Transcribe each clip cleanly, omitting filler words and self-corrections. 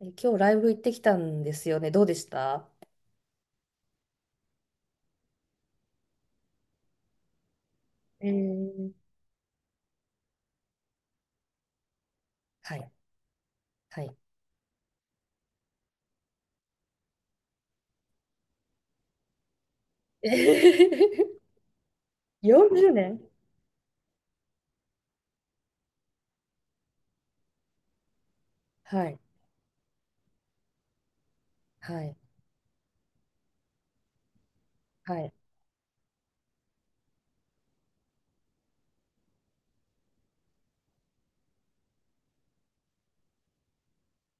え、今日ライブ行ってきたんですよね。どうでした？えー、はい。はい。40年。はい。はい。はい。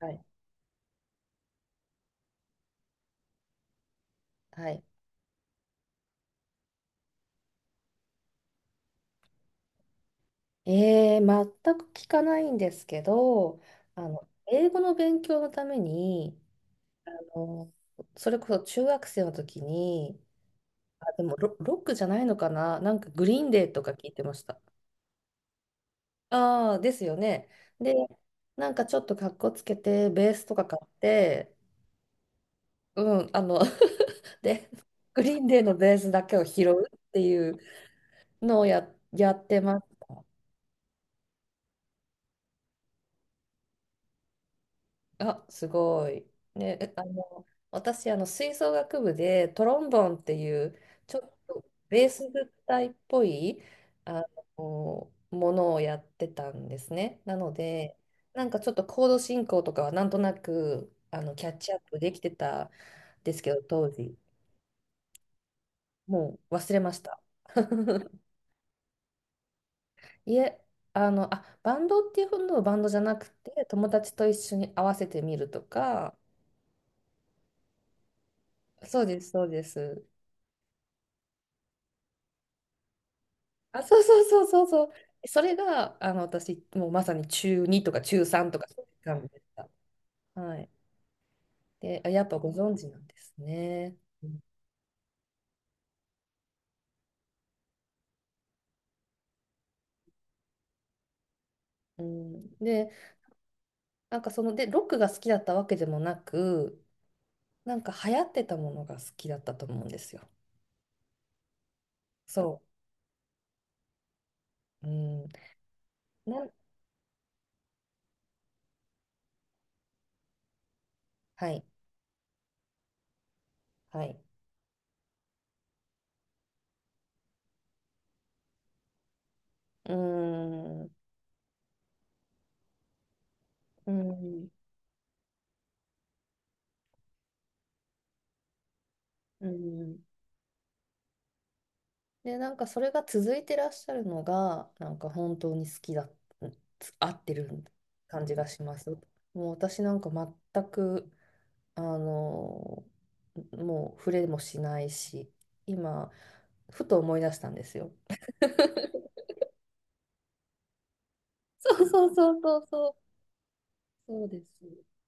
はい。はい。えー、全く聞かないんですけど、英語の勉強のために、あのそれこそ中学生の時に、あ、でもロックじゃないのかな、なんかグリーンデーとか聞いてました。ああ、ですよね。で、なんかちょっとかっこつけて、ベースとか買って、うん、で、グリーンデーのベースだけを拾うっていうのをやってました。あ、すごい。ね、えあの、私、吹奏楽部でトロンボンっていう、ちょっとベース部隊っぽい、あものをやってたんですね。なので、なんかちょっとコード進行とかはなんとなく、キャッチアップできてたんですけど、当時。もう忘れました。いえ、バンドっていうほどのバンドじゃなくて、友達と一緒に合わせてみるとか、そうです、そうです。あ、そうそうそうそうそう。それが、私、もうまさに中2とか中3とか、そういう感じでした。はい。で、やっぱご存知なんですね。うん、で、なんかロックが好きだったわけでもなく、なんか流行ってたものが好きだったと思うんですよ。そう。うん。なん、はい、はい。うん、うん。うん。で、なんかそれが続いてらっしゃるのが、なんか本当に好きだ、うん、合ってる感じがします。もう私なんか全く、あの、もう触れもしないし、今、ふと思い出したんですよ。そうそうそうそうそう。そうです。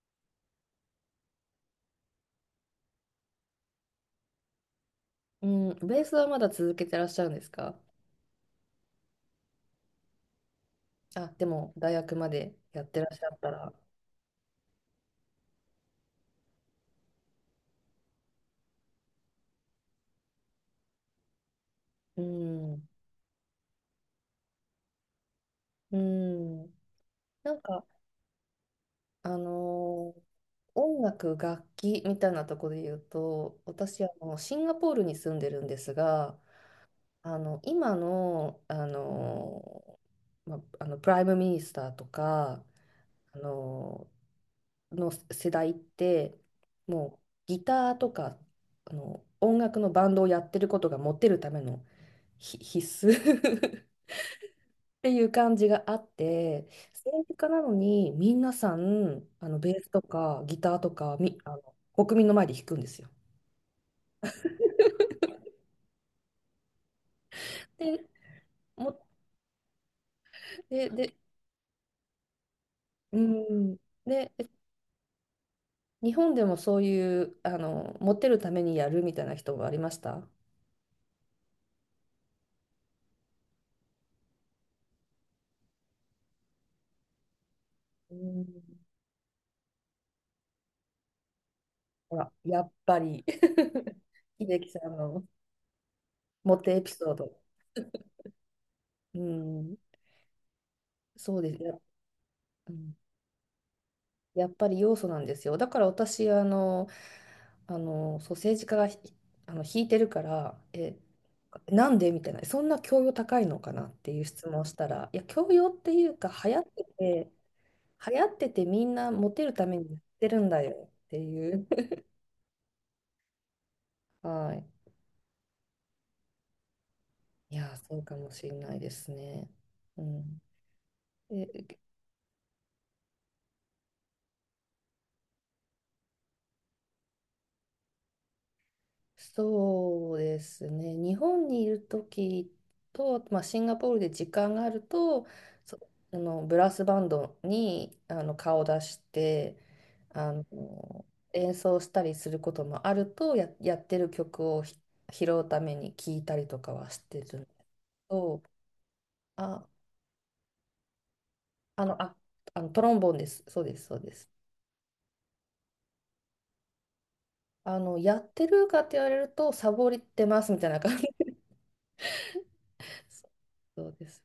うん、ベースはまだ続けてらっしゃるんですか？あ、でも大学までやってらっしゃったら。うん。うん。なんか、あのー音楽、楽器みたいなところで言うと、私、シンガポールに住んでるんですが、今の、プライムミニスターとか、あの、の世代って、もうギターとか、音楽のバンドをやってることがモテるための必須 っていう感じがあって、政治家なのに皆さん、ベースとかギターとか、み、あの、国民の前で弾くんですよ。で、も、で、うん。で、日本でもそういう、モテるためにやるみたいな人はありました？うん、ほら、やっぱり、秀樹さんのモテエピソード。うん、そうです。うん、やっぱり要素なんですよ。だから私、そう、政治家が引いてるから、なんでみたいな、そんな教養高いのかなっていう質問をしたら、いや、教養っていうか、流行ってて、流行っててみんなモテるためにやってるんだよっていう。はい。いやー、そうかもしれないですね。うん。で、そうですね。日本にいる時と、まあ、シンガポールで時間があると、そ、あのブラスバンドに顔を出して、あの演奏したりすることもあると、やってる曲を拾うために聞いたりとかはしてるのと、あ、あの、あ、トロンボーンです。そうです、そうです。やってるかって言われると、サボりってますみたいな感じです。そうです。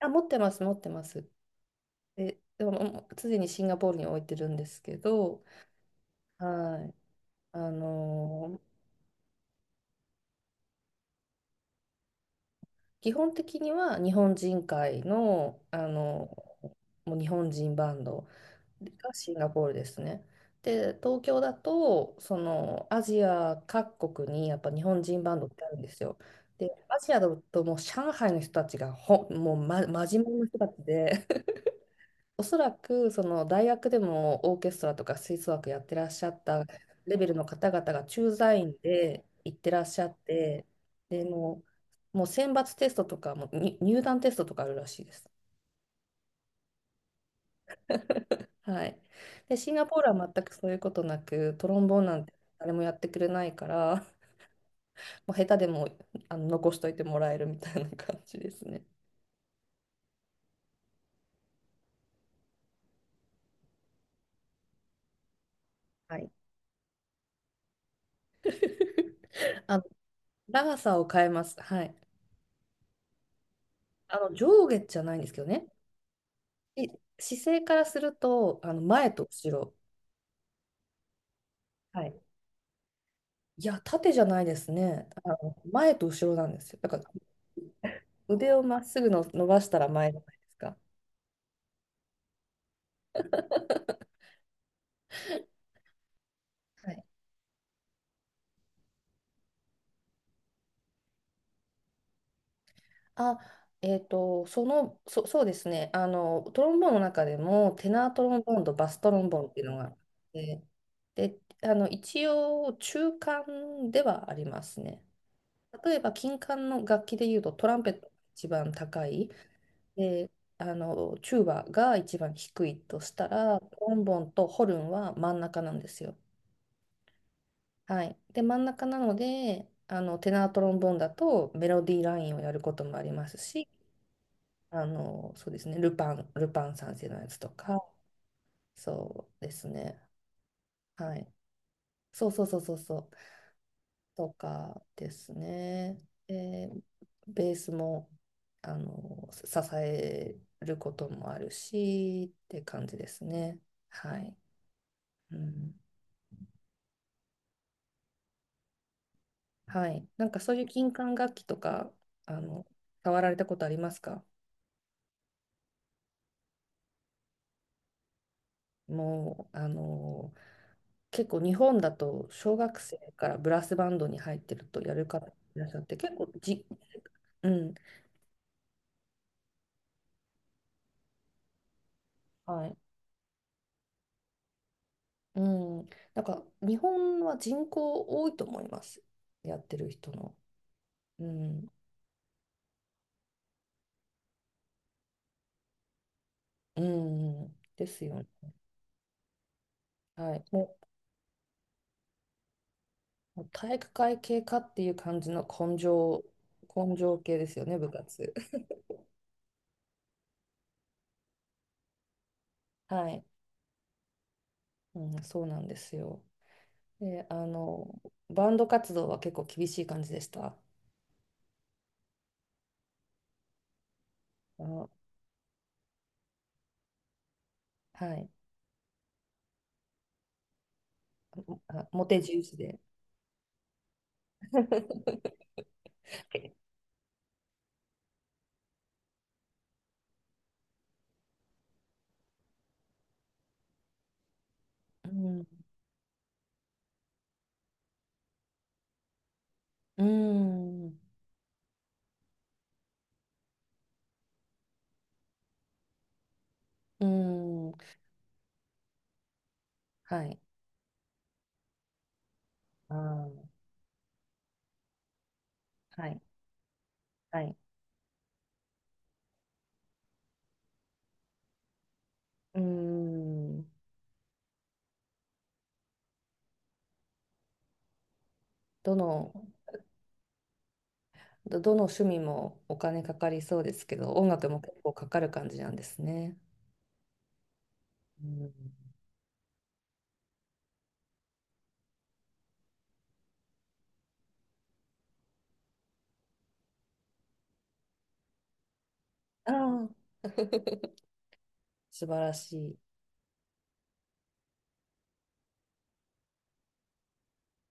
あ、持ってます、持ってます。でも、もう常にシンガポールに置いてるんですけど、はい。あのー、基本的には日本人会の、ー、もう日本人バンドがシンガポールですね。で、東京だと、そのアジア各国にやっぱ日本人バンドってあるんですよ。で、アジアだともう上海の人たちがもう、真面目な人たちで、おそらくその大学でもオーケストラとか吹奏楽やってらっしゃったレベルの方々が駐在員で行ってらっしゃって、で、もう、選抜テストとかに入団テストとかあるらしいです。はい。で、シンガポールは全くそういうことなく、トロンボーンなんて誰もやってくれないから、もう下手でも残しといてもらえるみたいな感じですね。はい。あの、長さを変えます。はい。上下じゃないんですけどね。い姿勢からすると、前と後ろ。はい。いや、縦じゃないですね。前と後ろなんですよ。だから腕をまっすぐの伸ばしたら前じゃないですか。はい。あ、そうですね。トロンボーンの中でも、テナートロンボーンとバストロンボーンっていうのがあって、で、一応、中間ではありますね。例えば、金管の楽器でいうと、トランペットが一番高い、で、チューバが一番低いとしたら、トロンボーンとホルンは真ん中なんですよ。はい。で、真ん中なので、テナートロンボーンだとメロディーラインをやることもありますし、そうですね、ルパン三世のやつとか、そうですね、はい、そうそうそうそうそう、とかですね、えベースも支えることもあるしって感じですね。はい、うん、はい、なんかそういう金管楽器とか、あの、触られたことありますか？もう、結構日本だと小学生からブラスバンドに入ってるとやる方いらっしゃって結構じ、うん、はい、うん、なんか日本は人口多いと思います、やってる人の。うん、うん、うんですよね。はい、もう体育会系かっていう感じの根性系ですよね、部活。はい、うん、そうなんですよ。で、バンド活動は結構厳しい感じでした。あの、はい、あ、モテ重視で。うん、うん、うん、はい、あー、はい、はい、うん、どの、どの趣味もお金かかりそうですけど、音楽も結構かかる感じなんですね。うん、ああ、素晴らしい。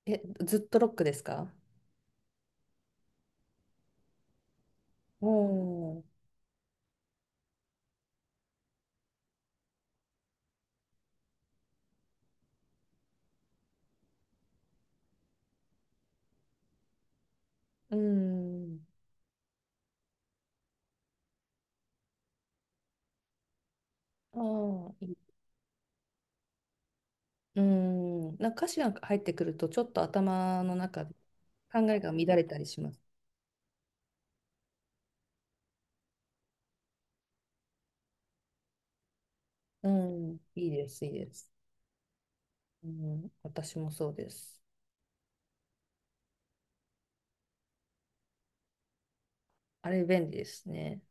え、ずっとロックですか？おー、うん、ああ、いい、うん、なんか歌詞が入ってくると、ちょっと頭の中で考えが乱れたりします。うん、いいです、いいです。うん、私もそうです。あれ便利ですね。